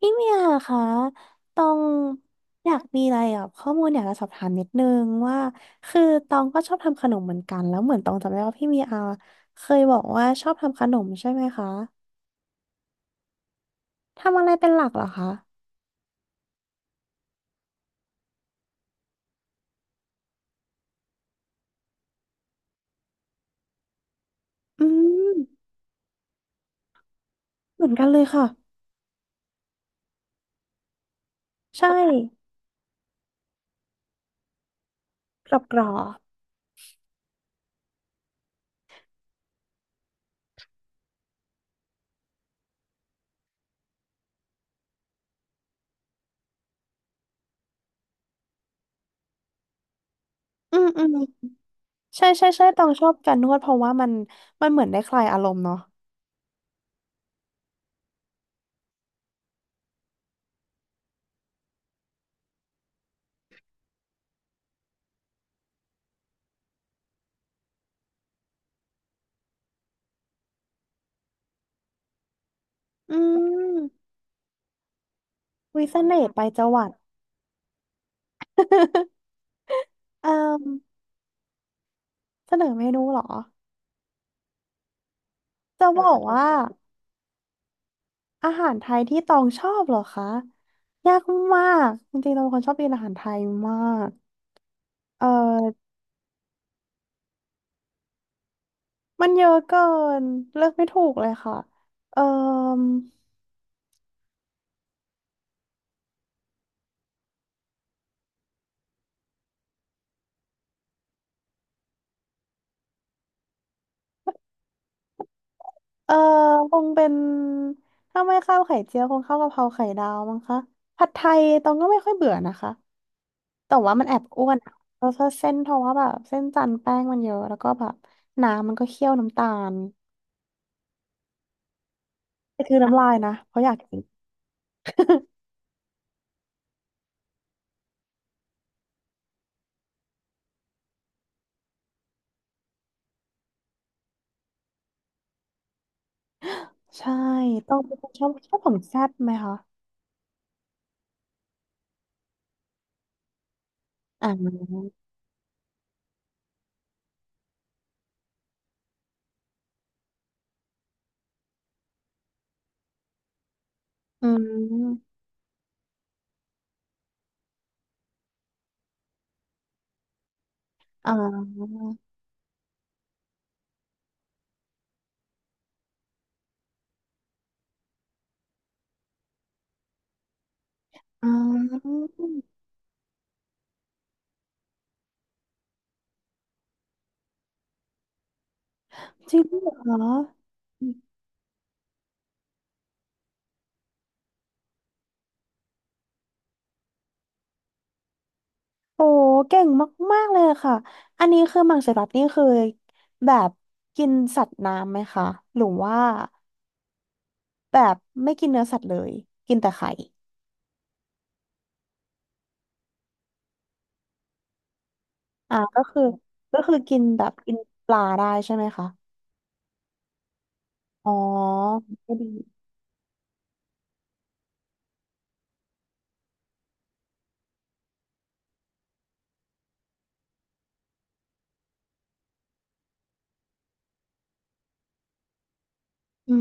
พี่เมียคะตองอยากมีอะไรอ่ะข้อมูลอยากจะสอบถามนิดนึงว่าคือตองก็ชอบทำขนมเหมือนกันแล้วเหมือนตองจำได้ว่าพี่เมียเคยบอกว่าชอบทำขนมใช่ไหมคะ ทำอะไรเป็นหลักเหรอคะอืมเหมือนกันเลยค่ะ ใช่กรอบกรอบอืมอืมใช่ใช่ใช่ตองชอบการนวดเพราะว่ามันเหมือนได้คลายอารมณ์เนาะอืมวิเสน่ห์ไปจังหวัด เอ่อเสนอเมนูเหรอจะบอกว่า อาหารไทยที่ตองชอบเหรอคะยากมากจริงๆตองเป็นคนชอบกินอาหารไทยมากเออมันเยอะเกินเลือกไม่ถูกเลยค่ะเออเออคงเป็นถ้าไม่ข้าวไข่เจียวคงข้าวกะเพราไข่ดาวมั้งคะผัดไทยตองก็ไม่ค่อยเบื่อนะคะแต่ว่ามันแอบอ้วนอะเพราะว่าแบบเส้นจันทร์แป้งมันเยอะแล้วก็แบบน้ำมันก็เคี่ยวน้ำตาลแต่คือน้ำลายนะเพราะอยากกิน ใช่ต้องเป็นคนชอบของแซ่บไหมคะ อ่าอืมอ่าอ่าจริงเหรอโอ้เก่งมากๆเลยค่ะอันนี้คือมังสวิรัตินี่คือแบบกินสัตว์น้ำไหมคะหรือว่าแบบไม่กินเนื้อสัตว์เลย กินแต่ไข่อ่าก็คือกินแบบกินปลาได้ใช่ไหมคะอ๋อก็ดีอื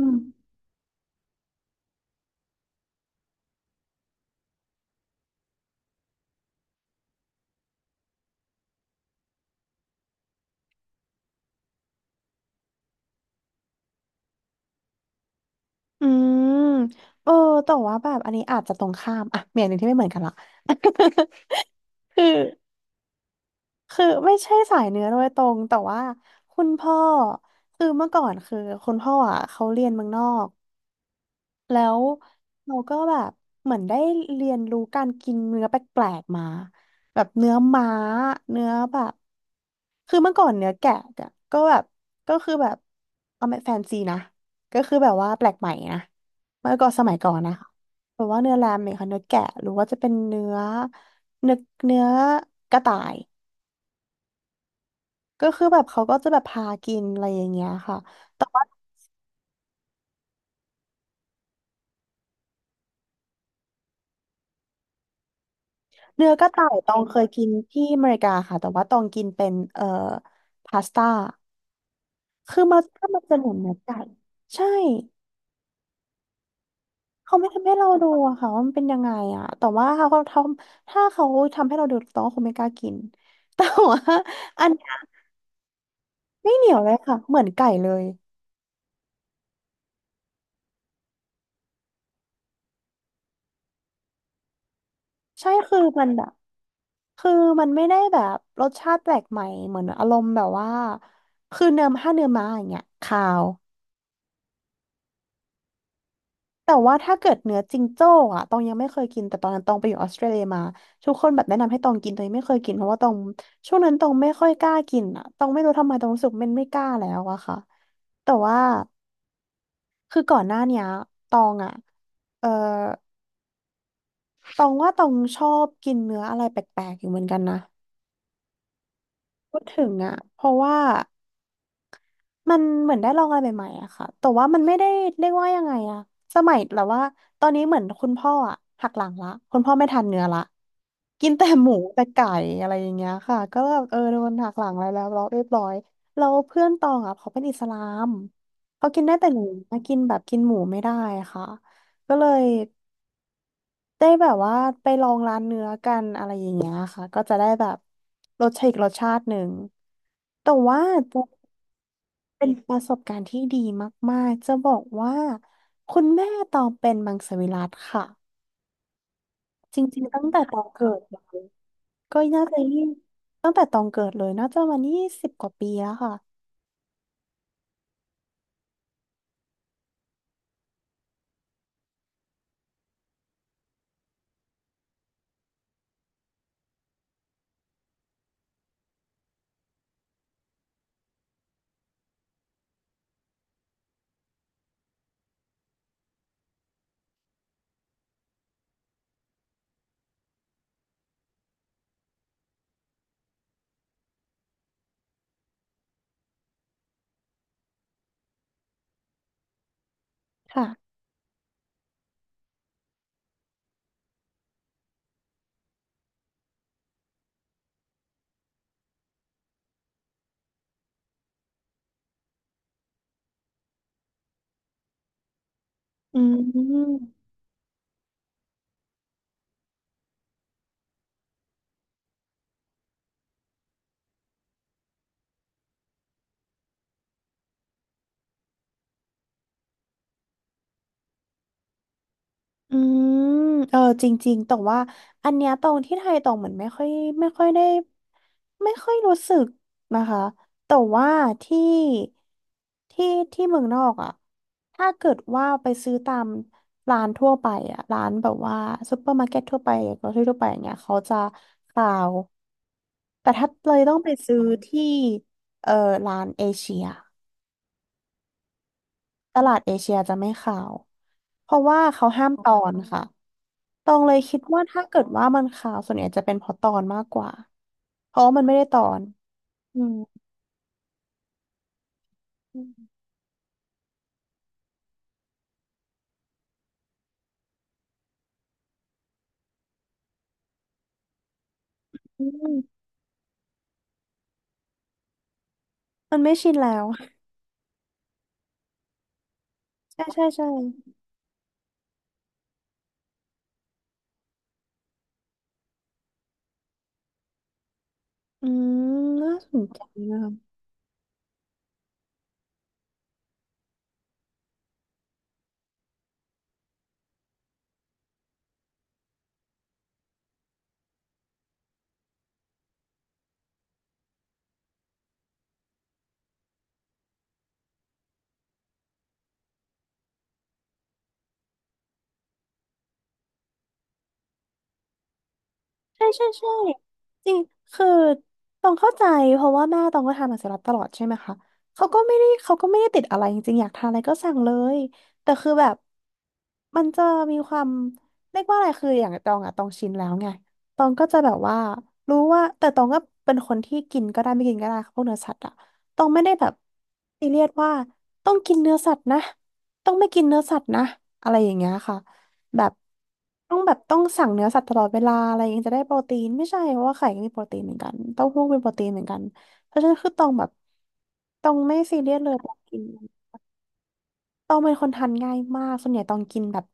มอืมเออแต่ว่าแบบอันนี้อาจจะตรงข้ามอ่ะมีอันหนึงที่ไม่เหมือนกันละ คือ ไม่ใช่สายเนื้อโดยตรงแต่ว่าคุณพ่อคือเมื่อก่อนคือคุณพ่ออ่ะเขาเรียนเมืองนอกแล้วเราก็แบบเหมือนได้เรียนรู้การกินเนื้อแปลกๆมาแบบเนื้อม้าเนื้อแบบคือเมื่อก่อนเนื้อแกะอะก็แบบก็คือแบบเอาแฟนซีนะก็คือแบบว่าแปลกใหม่นะเมื่อก่อนสมัยก่อนนะคะแบบว่าเนื้อแรมเนี่ยค่ะเนื้อแกะหรือว่าจะเป็นเนื้อเนื้อเนื้อกระต่าย ก็คือแบบเขาก็จะแบบพากินอะไรอย่างเงี้ยค่ะแต่ว่าเนื้อกระต่ายตองเคยกินที่อเมริกาค่ะ แต่ว่าตองกินเป็นพาสต้าคือมันก็มันจะเหมือนเนื้อไก่ใช่เขาไม่ทำให้เราดูอะค่ะว่ามันเป็นยังไงอะแต่ว่าถ้าเขาทำให้เราดูตองก็คงไม่กล้ากิน แต่ว่าอันเนี้ยไม่เหนียวเลยค่ะเหมือนไก่เลยใช่คือมันแบบคือมันไม่ได้แบบรสชาติแปลกใหม่เหมือนอารมณ์แบบว่าคือเนื้อถ้าเนื้อม้าอย่างเงี้ยคาว แต่ว่าถ้าเกิดเนื้อจิงโจ้อะตองยังไม่เคยกินแต่ตอนนั้นตองไปอยู่ออสเตรเลียมาทุกคนแบบแนะนำให้ตองกินตองยังไม่เคยกินเพราะว่าตองช่วงนั้นตองไม่ค่อยกล้ากินอะตองไม่รู้ทำไมตองรู้สึกมันไม่กล้าแล้วอะค่ะแต่ว่าคือก่อนหน้าเนี้ยตองอะเออตองว่าตองชอบกินเนื้ออะไรแปลกๆอยู่เหมือนกันนะพูดถึงอะเพราะว่า มันเหมือนได้ลองอะไรใหม่ๆอะค่ะแต่ว่ามันไม่ได้เรียกว่ายังไงอะสมัยแบบว่าตอนนี้เหมือนคุณพ่ออะหักหลังละคุณพ่อไม่ทานเนื้อละ กินแต่หมูแต่ไก่อะไรอย่างเงี้ยค่ะก็แบบเออโดนหักหลังอะไรแล้วเราเรียบร้อยเราเพื่อนตองอะเขาเป็นอิสลามเขากินได้แต่หมูนะกินแบบกินหมูไม่ได้ค่ะก็เลยได้แบบว่าไปลองร้านเนื้อกันอะไรอย่างเงี้ยค่ะ ก็จะได้แบบรสชาติอีกรสชาติหนึ่ง แต่ว่า เป็นประสบการณ์ที่ดีมาก ๆ จะบอกว่าคุณแม่ตองเป็นมังสวิรัติค่ะจริง ๆ ตั้งแต่ตองเกิดเลยก็น่าจะยี่ตั้งแต่ตองเกิดเลยน่าจะวัน20 กว่าปีแล้วค่ะค่ะอืม อืมเออจริงๆแต่ว่าอันเนี้ยตรงที่ไทยตรงเหมือนไม่ค่อยได้ไม่ค่อยรู้สึกนะคะแต่ว่าที่ที่ที่เมืองนอกอ่ะถ้าเกิดว่าไปซื้อตามร้านทั่วไปอ่ะร้านแบบว่าซูเปอร์มาร์เก็ตทั่วไปก็ทั่วไปอย่างเงี้ยเขาจะกล่าวแต่ถ้าเลยต้องไปซื้อที่เออร้านเอเชีย ตลาดเอเชียจะไม่ขาวเพราะว่าเขาห้ามตอนค่ะตองเลยคิดว่าถ้าเกิดว่ามันขาวส่วนใหญ่จะเป็นเพราะตอนมากกว่าเพราะว่ามันไม่ได้ตอนอืมอืมอืมมันไม่ชินแล้วใช่ใช่ใช่อืมน่าสนใจนะคะ ใช่ใช่ใช่จริงคือตองเข้าใจเพราะว่าแม่ตองก็ทำอาหารเสร็จตลอดใช่ไหมคะเขาก็ไม่ได้ติดอะไรจริงๆอยากทานอะไรก็สั่งเลยแต่คือแบบมันจะมีความเรียกว่าอะไรคืออย่างตองอะตองชินแล้วไงตองก็จะแบบว่ารู้ว่าแต่ตองก็เป็นคนที่กินก็ได้ไม่กินก็ได้ค่ะพวกเนื้อสัตว์อะตองไม่ได้แบบซีเรียสว่าต้องกินเนื้อสัตว์นะต้องไม่กินเนื้อสัตว์นะอะไรอย่างเงี้ยค่ะ แบบต้องสั่งเนื้อสัตว์ตลอดเวลาอะไรอย่างเงี้ยจะได้โปรตีนไม่ใช่เพราะว่าไข่ก็มีโปรตีนเหมือนกันเต้าหู้มีโปรตีนเหมือนกันเพราะฉะนั้นคือต้องแบบต้องไม่ซีเรียสเลยต้บกิน ตองเป็นคนทานง่ายมากส่วนใหญ่ตองกินแบบ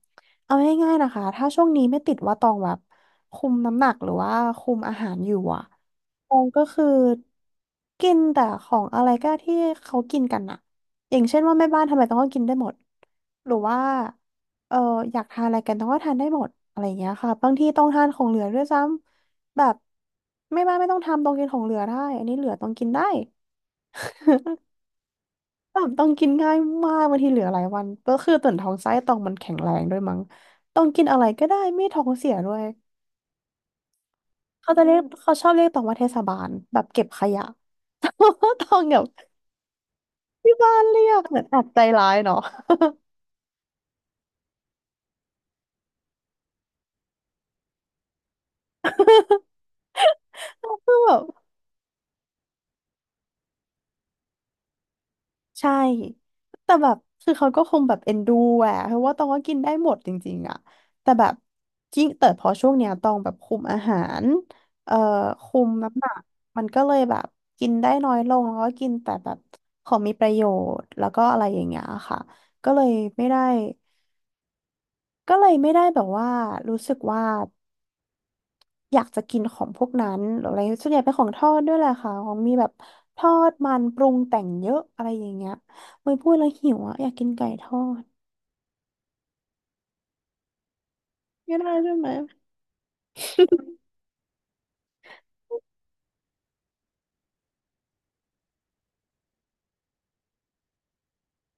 เอาง่ายๆนะคะถ้าช่วงนี้ไม่ติดว่าตองแบบคุมน้ำหนักหรือว่าคุมอาหารอยู่อะตองก็คือกินแต่ของอะไรก็ที่เขากินกันอะอย่างเช่นว่าแม่บ้านทำอะไรตองก็กินได้หมดหรือว่าเอออยากทานอะไรกันตองก็ทานได้หมดอะไรอย่างเงี้ยค่ะบางทีต้องทานของเหลือด้วยซ้ำแบบแม่บ้านไม่ต้องทำตองกินของเหลือได้อันนี้เหลือตองกินได้ แบบต้องกินง่ายมากบางทีเหลือหลายวันก็คือต่วนท้องไส้ตองมันแข็งแรงด้วยมั้งต้องกินอะไรก็ได้ไม่ท้องเสียด้วยเขาจะเรียกเขาชอบเรียกตองว่าเทศบาลแบบเก็บขยะ ตองแบบที่บ้านเรียกเหมือนแอบใจร้ายเนาะคือแบบ ใช่ แต่แบบคือเขาก็คงแบบเอ็นดูแหละเพราะว่าตองก็กินได้หมดจริงๆอะแต่แบบยิ่งแต่พอช่วงเนี้ยตองแบบคุมอาหารเอ่อคุมน้ำหนักมันก็เลยแบบกินได้น้อยลงแล้วก็กินแต่แบบของมีประโยชน์แล้วก็อะไรอย่างเงี้ยค่ะ ก็เลยไม่ได้ก็เลยไม่ได้แบบว่ารู้สึกว่า อยากจะกินของพวกนั้นหรืออะไรส่วนใหญ่เป็นของทอดด้วยแหละค่ะของมีแบบทอดมันปรุงแต่งเยอะอะไรอย่างเงี้ยไม่พูดแล้วหิวอ่ะอยากกินไก่ทอดไม่ได้ใช่ไหม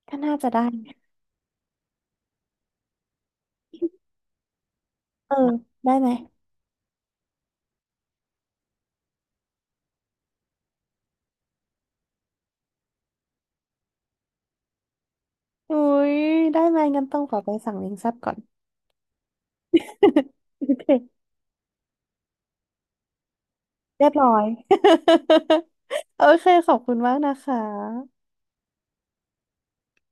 ก็น่าจะได้เออได้ไหมอุ้ยได้ไหมงั้นต้องขอไปสั่งเล้งแซ่บก่อน โอเคเรียบร้อย โอเคขอบคุณมากนะคะ